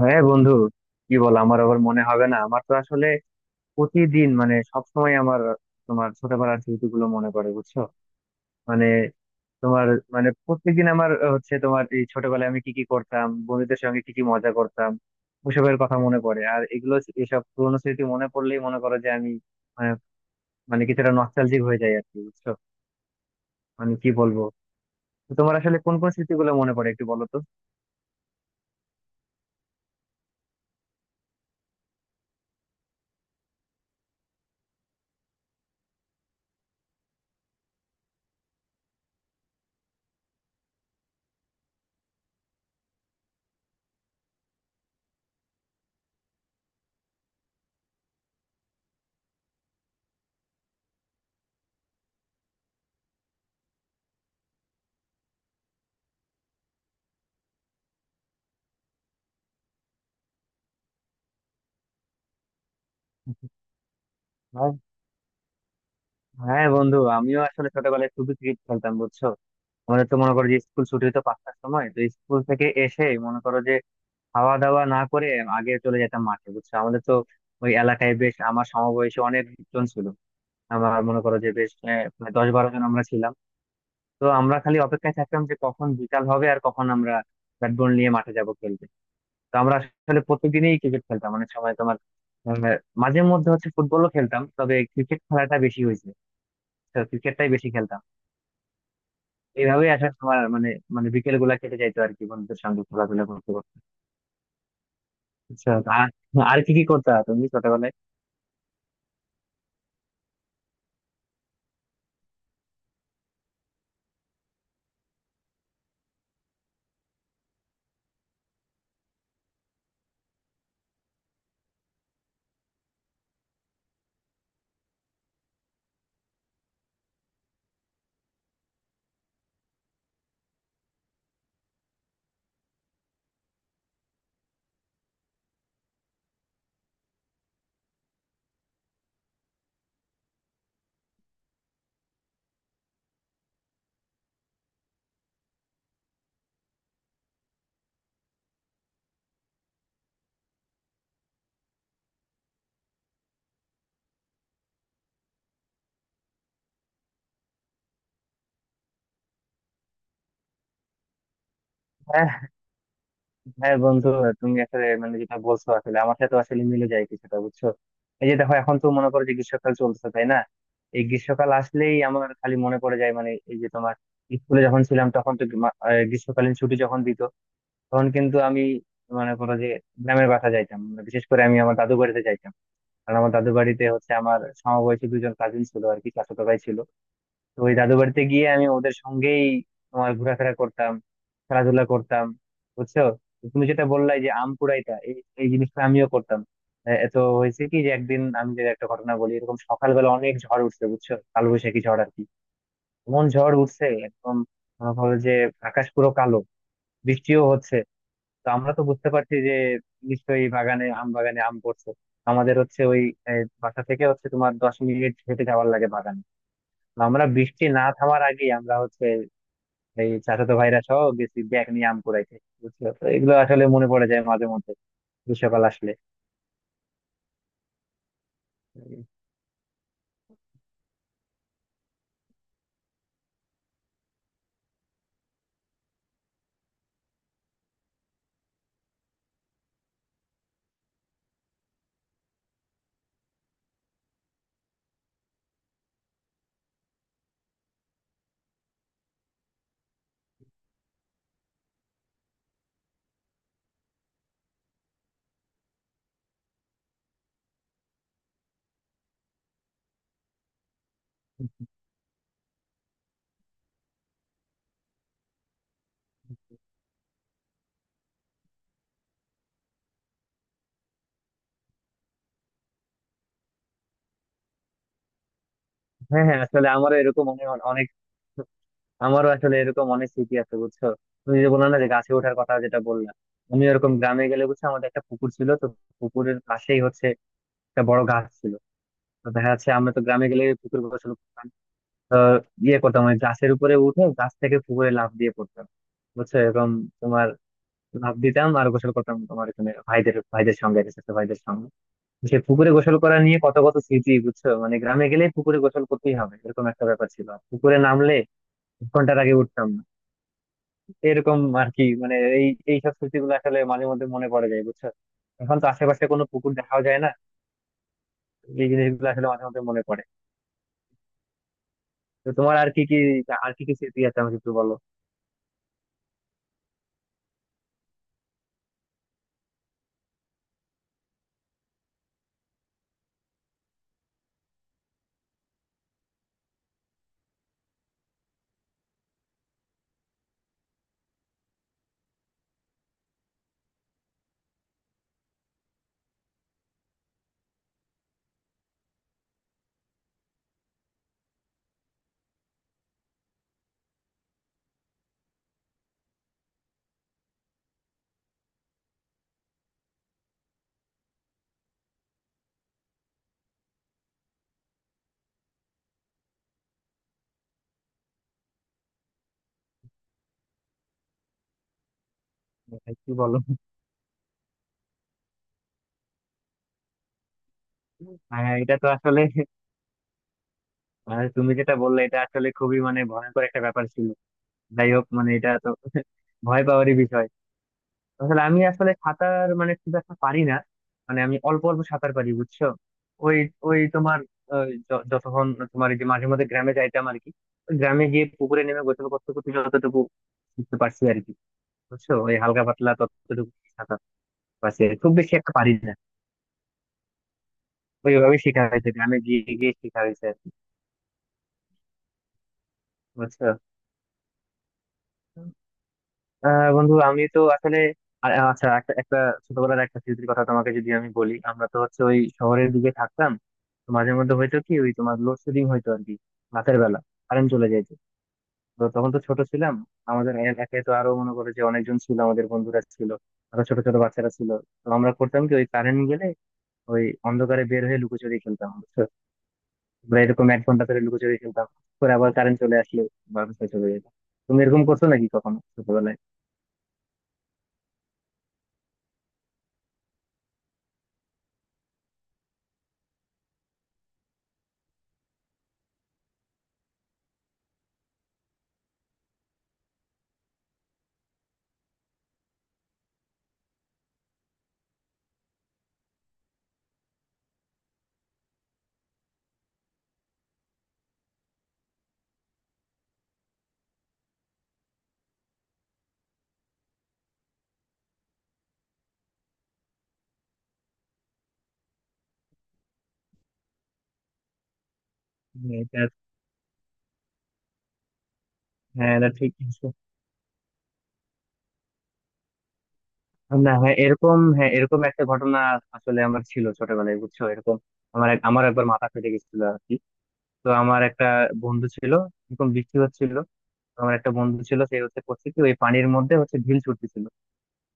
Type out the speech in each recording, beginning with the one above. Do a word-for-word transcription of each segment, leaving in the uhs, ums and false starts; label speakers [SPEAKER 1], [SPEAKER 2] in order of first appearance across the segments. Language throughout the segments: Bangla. [SPEAKER 1] হ্যাঁ বন্ধু, কি বল আমার আবার মনে হবে না? আমার তো আসলে প্রতিদিন মানে সবসময় আমার তোমার ছোটবেলার স্মৃতিগুলো মনে পড়ে, বুঝছো? মানে তোমার মানে প্রত্যেকদিন আমার আহ, হচ্ছে তোমার এই ছোটবেলায় আমি কি কি করতাম, বন্ধুদের সঙ্গে কি কি মজা করতাম, ওসবের কথা মনে পড়ে। আর এগুলো এসব পুরোনো স্মৃতি মনে পড়লেই মনে করো যে আমি, মানে মানে কিছুটা নস্টালজিক হয়ে যাই আর কি, বুঝছো? মানে কি বলবো তো তোমার আসলে কোন কোন স্মৃতিগুলো মনে পড়ে, একটু বলো তো। হ্যাঁ হ্যাঁ বন্ধু, আমিও আসলে ছোটবেলায় খুবই ক্রিকেট খেলতাম, বুঝছো। আমাদের তো মনে করো যে স্কুল ছুটি হতো পাঁচটার সময়, তো স্কুল থেকে এসে মনে করো যে খাওয়া দাওয়া না করে আগে চলে যেতাম মাঠে, বুঝছো। আমাদের তো ওই এলাকায় বেশ আমার সমবয়সী অনেকজন ছিল। আমার মনে করো যে বেশ আহ, মানে দশ বারো জন আমরা ছিলাম। তো আমরা খালি অপেক্ষায় থাকতাম যে কখন বিকাল হবে আর কখন আমরা ব্যাট বল নিয়ে মাঠে যাব খেলতে। তো আমরা আসলে প্রত্যেকদিনই ক্রিকেট খেলতাম। অনেক সময় তোমার আহ, মাঝে মধ্যে হচ্ছে ফুটবলও খেলতাম, তবে ক্রিকেট খেলাটা বেশি হয়েছে, ক্রিকেটটাই বেশি খেলতাম। এইভাবেই আসলে তোমার মানে মানে বিকেল গুলা কেটে যাইতো আর কি, বন্ধুদের সঙ্গে খেলাধুলা করতে করতে। আচ্ছা, আর আর কি কি করতে তুমি ছোটবেলায়? হ্যাঁ হ্যাঁ বন্ধু, তুমি আসলে মানে যেটা বলছো আসলে আমার সাথে আসলে মিলে যায় কিছুটা, বুঝছো। এই যে দেখো, এখন তো মনে করো যে গ্রীষ্মকাল চলছে, তাই না? এই গ্রীষ্মকাল আসলেই আমার খালি মনে পড়ে যায়। মানে এই যে তোমার স্কুলে যখন ছিলাম তখন তো গ্রীমা- আহ, গ্রীষ্মকালীন ছুটি যখন দিত তখন কিন্তু আমি মনে করো যে গ্রামের বাসা যাইতাম, মানে বিশেষ করে আমি আমার দাদু বাড়িতে যাইতাম। কারণ আমার দাদু বাড়িতে হচ্ছে আমার সমবয়সী দুজন কাজিন ছিল আর কি, চাচাতো ভাই ছিল। তো ওই দাদু বাড়িতে গিয়ে আমি ওদের সঙ্গেই তোমার ঘোরাফেরা করতাম, খেলাধুলা করতাম, বুঝছো। তো তুমি যেটা বললাই যে আম কুড়াইটা, এই এই জিনিসটা আমিও করতাম। এ- এত হয়েছে কি, যে একদিন আমি যে একটা ঘটনা বলি, এরকম সকালবেলা অনেক ঝড় উঠছে, বুঝছো, কালবৈশাখী ঝড় আর কি। এমন ঝড় উঠছে একদম, মনে করো যে আকাশ পুরো কালো, বৃষ্টিও হচ্ছে। তো আমরা তো বুঝতে পারছি যে নিশ্চয়ই বাগানে আম বাগানে আম পড়ছে। আমাদের হচ্ছে ওই আহ, বাসা থেকে হচ্ছে তোমার দশ মিনিট হেঁটে যাওয়ার লাগে বাগানে। তো আমরা বৃষ্টি না থামার আগে আমরা হচ্ছে এই চাচাতো ভাইরা সহ গেছি ব্যাগ নিয়ে আম কুড়াইতে, বুঝছো। তো এগুলো আসলে মনে পড়ে যায় মাঝে মধ্যে, গ্রীষ্মকাল আসলে। হ্যাঁ হ্যাঁ আসলে আমারও এরকম অনেক অনেক আমারও আসলে এরকম অনেক স্মৃতি আছে, বুঝছো। তুমি যে বললে না যে গাছে ওঠার কথা যেটা বললাম, আমি এরকম গ্রামে গেলে, বুঝছো, আমাদের একটা পুকুর ছিল তো, পুকুরের পাশেই হচ্ছে একটা বড় গাছ ছিল। তো দেখা যাচ্ছে আমরা তো গ্রামে গেলে পুকুর গোসল করতাম, তো ইয়ে করতাম ওই গাছের উপরে উঠে গাছ থেকে পুকুরে লাফ দিয়ে পড়তাম, বুঝছো। এরকম তোমার লাফ দিতাম আর গোসল করতাম, তোমার এখানে ভাইদের ভাইদের সঙ্গে, ছোট ভাইদের সঙ্গে। সে পুকুরে গোসল করা নিয়ে কত কত স্মৃতি, বুঝছো। মানে গ্রামে গেলে পুকুরে গোসল করতেই হবে, এরকম একটা ব্যাপার ছিল। আর পুকুরে নামলে এক ঘন্টার আগে উঠতাম না। এরকম আর কি। মানে এই এইসব স্মৃতিগুলো আসলে মাঝে মধ্যে মনে পড়ে যায়, বুঝছো। এখন তো আশেপাশে কোনো পুকুর দেখাও যায় না। এই জিনিসগুলো আসলে মাঝে মধ্যে মনে পড়ে। তো তোমার আর কি কি আর কি কি স্মৃতি আছে, আমাকে একটু বলো। ভাই, কি বলো! হ্যাঁ হ্যাঁ, এটা তো আসলে, আর তুমি যেটা বললে এটা আসলে খুবই, মানে ভয়ঙ্কর একটা ব্যাপার ছিল। যাই হোক, মানে এটা তো ভয় পাওয়ারই বিষয়। আসলে আমি আসলে সাঁতার মানে খুব একটা পারি না, মানে আমি অল্প অল্প সাঁতার পারি, বুঝছো। ওই ওই তোমার আহ, য- যতক্ষণ তোমার এই যে মাঝে মধ্যে গ্রামে যাইতাম আর কি, ওই গ্রামে গিয়ে পুকুরে নেমে গোসল করতে করতে যতটুকু শিখতে পারছি আর কি, বুঝছো। ওই হালকা পাতলা ততটুকু সাঁতার পারছি আর কি। খুব বেশি একটা পারি না। ওইভাবে শেখা হয়েছে, গ্রামে গিয়ে গিয়ে শেখা হয়েছে আর কি, বুঝছো। আহ বন্ধু, আমি তো আসলে আ- আচ্ছা, একটা একটা ছোটবেলার একটা স্মৃতির কথা তোমাকে যদি আমি বলি, আমরা তো হচ্ছে ওই শহরের দিকে থাকতাম। তো মাঝে মধ্যে হয়তো কি ওই তোমার লোডশেডিং হয়তো আর কি, রাতের বেলা কারেন্ট চলে যাইতো। তো তখন তো ছোট ছিলাম, আমাদের এলাকায় তো আরো মনে করে যে অনেকজন ছিল, আমাদের বন্ধুরা ছিল, আরো ছোট ছোট বাচ্চারা ছিল। তো আমরা করতাম কি ওই কারেন্ট গেলে ওই অন্ধকারে বের হয়ে লুকোচুরি খেলতাম, বুঝছো? আমরা এরকম এক ঘন্টা ধরে লুকোচুরি খেলতাম, পরে আবার কারেন্ট চলে আসলে বাসায় চলে যেতাম। তুমি এরকম করছো নাকি কখনো ছোটবেলায়? হ্যাঁ, এটা হ্যাঁ এটা ঠিক আছে। না হ্যাঁ এরকম হ্যাঁ এরকম একটা ঘটনা আসলে আমার ছিল ছোটবেলায়, বুঝছো। এরকম আমার এক- আমার একবার মাথা ফেটে গেছিল আর কি। তো আমার একটা বন্ধু ছিল এরকম বৃষ্টি হচ্ছিল। তো আমার একটা বন্ধু ছিল, সে হচ্ছে করছে কি ওই পানির মধ্যে হচ্ছে ঢিল ছুটতেছিল।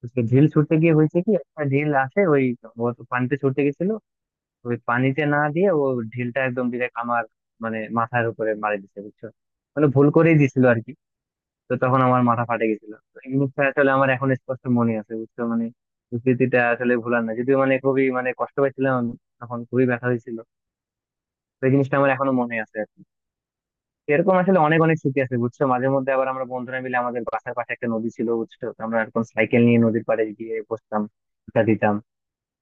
[SPEAKER 1] তো সে ঢিল ছুটতে গিয়ে হয়েছে কি, একটা ঢিল আসে ওই, ও তো পানিতে ছুটতে গেছিল, ওই পানিতে না দিয়ে ও ঢিলটা একদম ডিরেক্ট আমার মানে মাথার উপরে মারি দিছে, বুঝছো। মানে ভুল করেই দিছিল আর কি। তো তখন আমার মাথা ফাটে গেছিল। তো এই মুহূর্তে আসলে আমার এখন স্পষ্ট মনে আছে, বুঝছো। মানে স্মৃতিটা আসলে ভুলার না, যদিও মানে খুবই, মানে কষ্ট পাইছিলাম আমি, তখন খুবই ব্যথা হয়েছিল। তো এই জিনিসটা আমার এখনো মনে আছে আর কি। এরকম আসলে অনেক অনেক স্মৃতি আছে, বুঝছো। মাঝে মধ্যে আবার আমরা বন্ধুরা মিলে আমাদের বাসার পাশে একটা নদী ছিল, বুঝছো, তো আমরা এরকম সাইকেল নিয়ে নদীর পাড়ে গিয়ে বসতাম, আড্ডা দিতাম।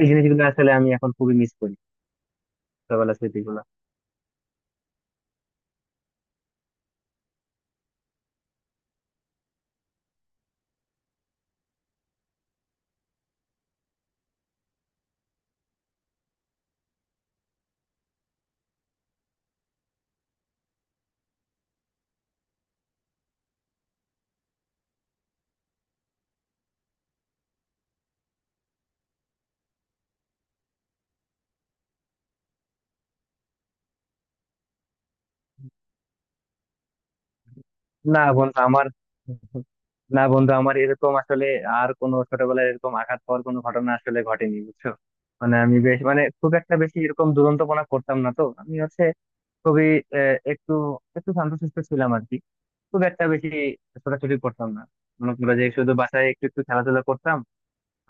[SPEAKER 1] এই জিনিসগুলো আসলে আমি এখন খুবই মিস করি, ছোটবেলার স্মৃতিগুলো। না বন্ধু আমার না বন্ধু, আমার এরকম আসলে আর কোনো ছোটবেলায় এরকম আঘাত পাওয়ার কোনো ঘটনা আসলে ঘটেনি, বুঝছো। মানে আমি বেশ, মানে খুব একটা বেশি এরকম দুরন্তপনা করতাম না। তো আমি হচ্ছে খুবই আহ, একটু একটু শান্তশিষ্ট ছিলাম আর কি। খুব একটা বেশি ছোটাছুটি করতাম না। মনে করো যে শুধু বাসায় একটু একটু খেলাধুলা করতাম।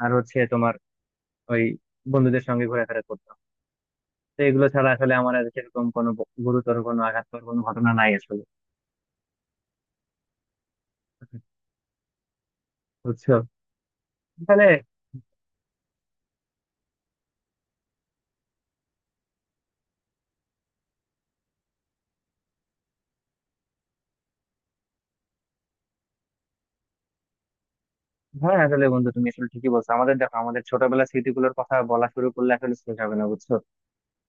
[SPEAKER 1] আর হচ্ছে তোমার ওই বন্ধুদের সঙ্গে ঘোরাফেরা করতাম। তো এগুলো ছাড়া আসলে আমার আর সেরকম কোনো ব- গুরুতর কোনো আঘাত পাওয়ার কোনো ঘটনা নাই আসলে, বুঝছো। তাহলে, হ্যাঁ আসলে বন্ধু, তুমি আসলে ঠিকই বলছো, আমাদের দেখো, আমাদের ছোটবেলার স্মৃতিগুলোর কথা বলা শুরু করলে আসলে শেষ হবে না, বুঝছো।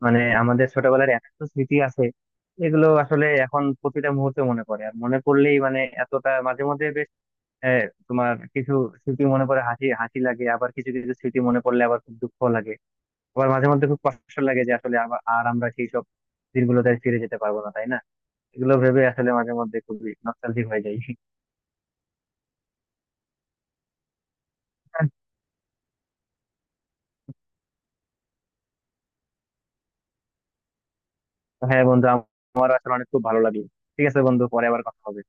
[SPEAKER 1] মানে আমাদের ছোটবেলার এত স্মৃতি আছে, এগুলো আসলে এখন প্রতিটা মুহূর্তে মনে পড়ে। আর মনে পড়লেই মানে এতটা মাঝে মধ্যে বেশ, আহ, তোমার কিছু স্মৃতি মনে পড়ে হাসি হাসি লাগে, আবার কিছু কিছু স্মৃতি মনে পড়লে আবার খুব দুঃখ লাগে। আবার মাঝে মধ্যে খুব কষ্ট লাগে যে আসলে আবার আর আমরা সেই সব দিনগুলোতে আর ফিরে যেতে পারবো না, তাই না। এগুলো ভেবে আসলে মাঝে মধ্যে খুবই নস্টালজিক হয়ে যায়। হ্যাঁ বন্ধু, আমারও আসলে অনেক খুব ভালো লাগলো। ঠিক আছে বন্ধু, পরে আবার কথা হবে।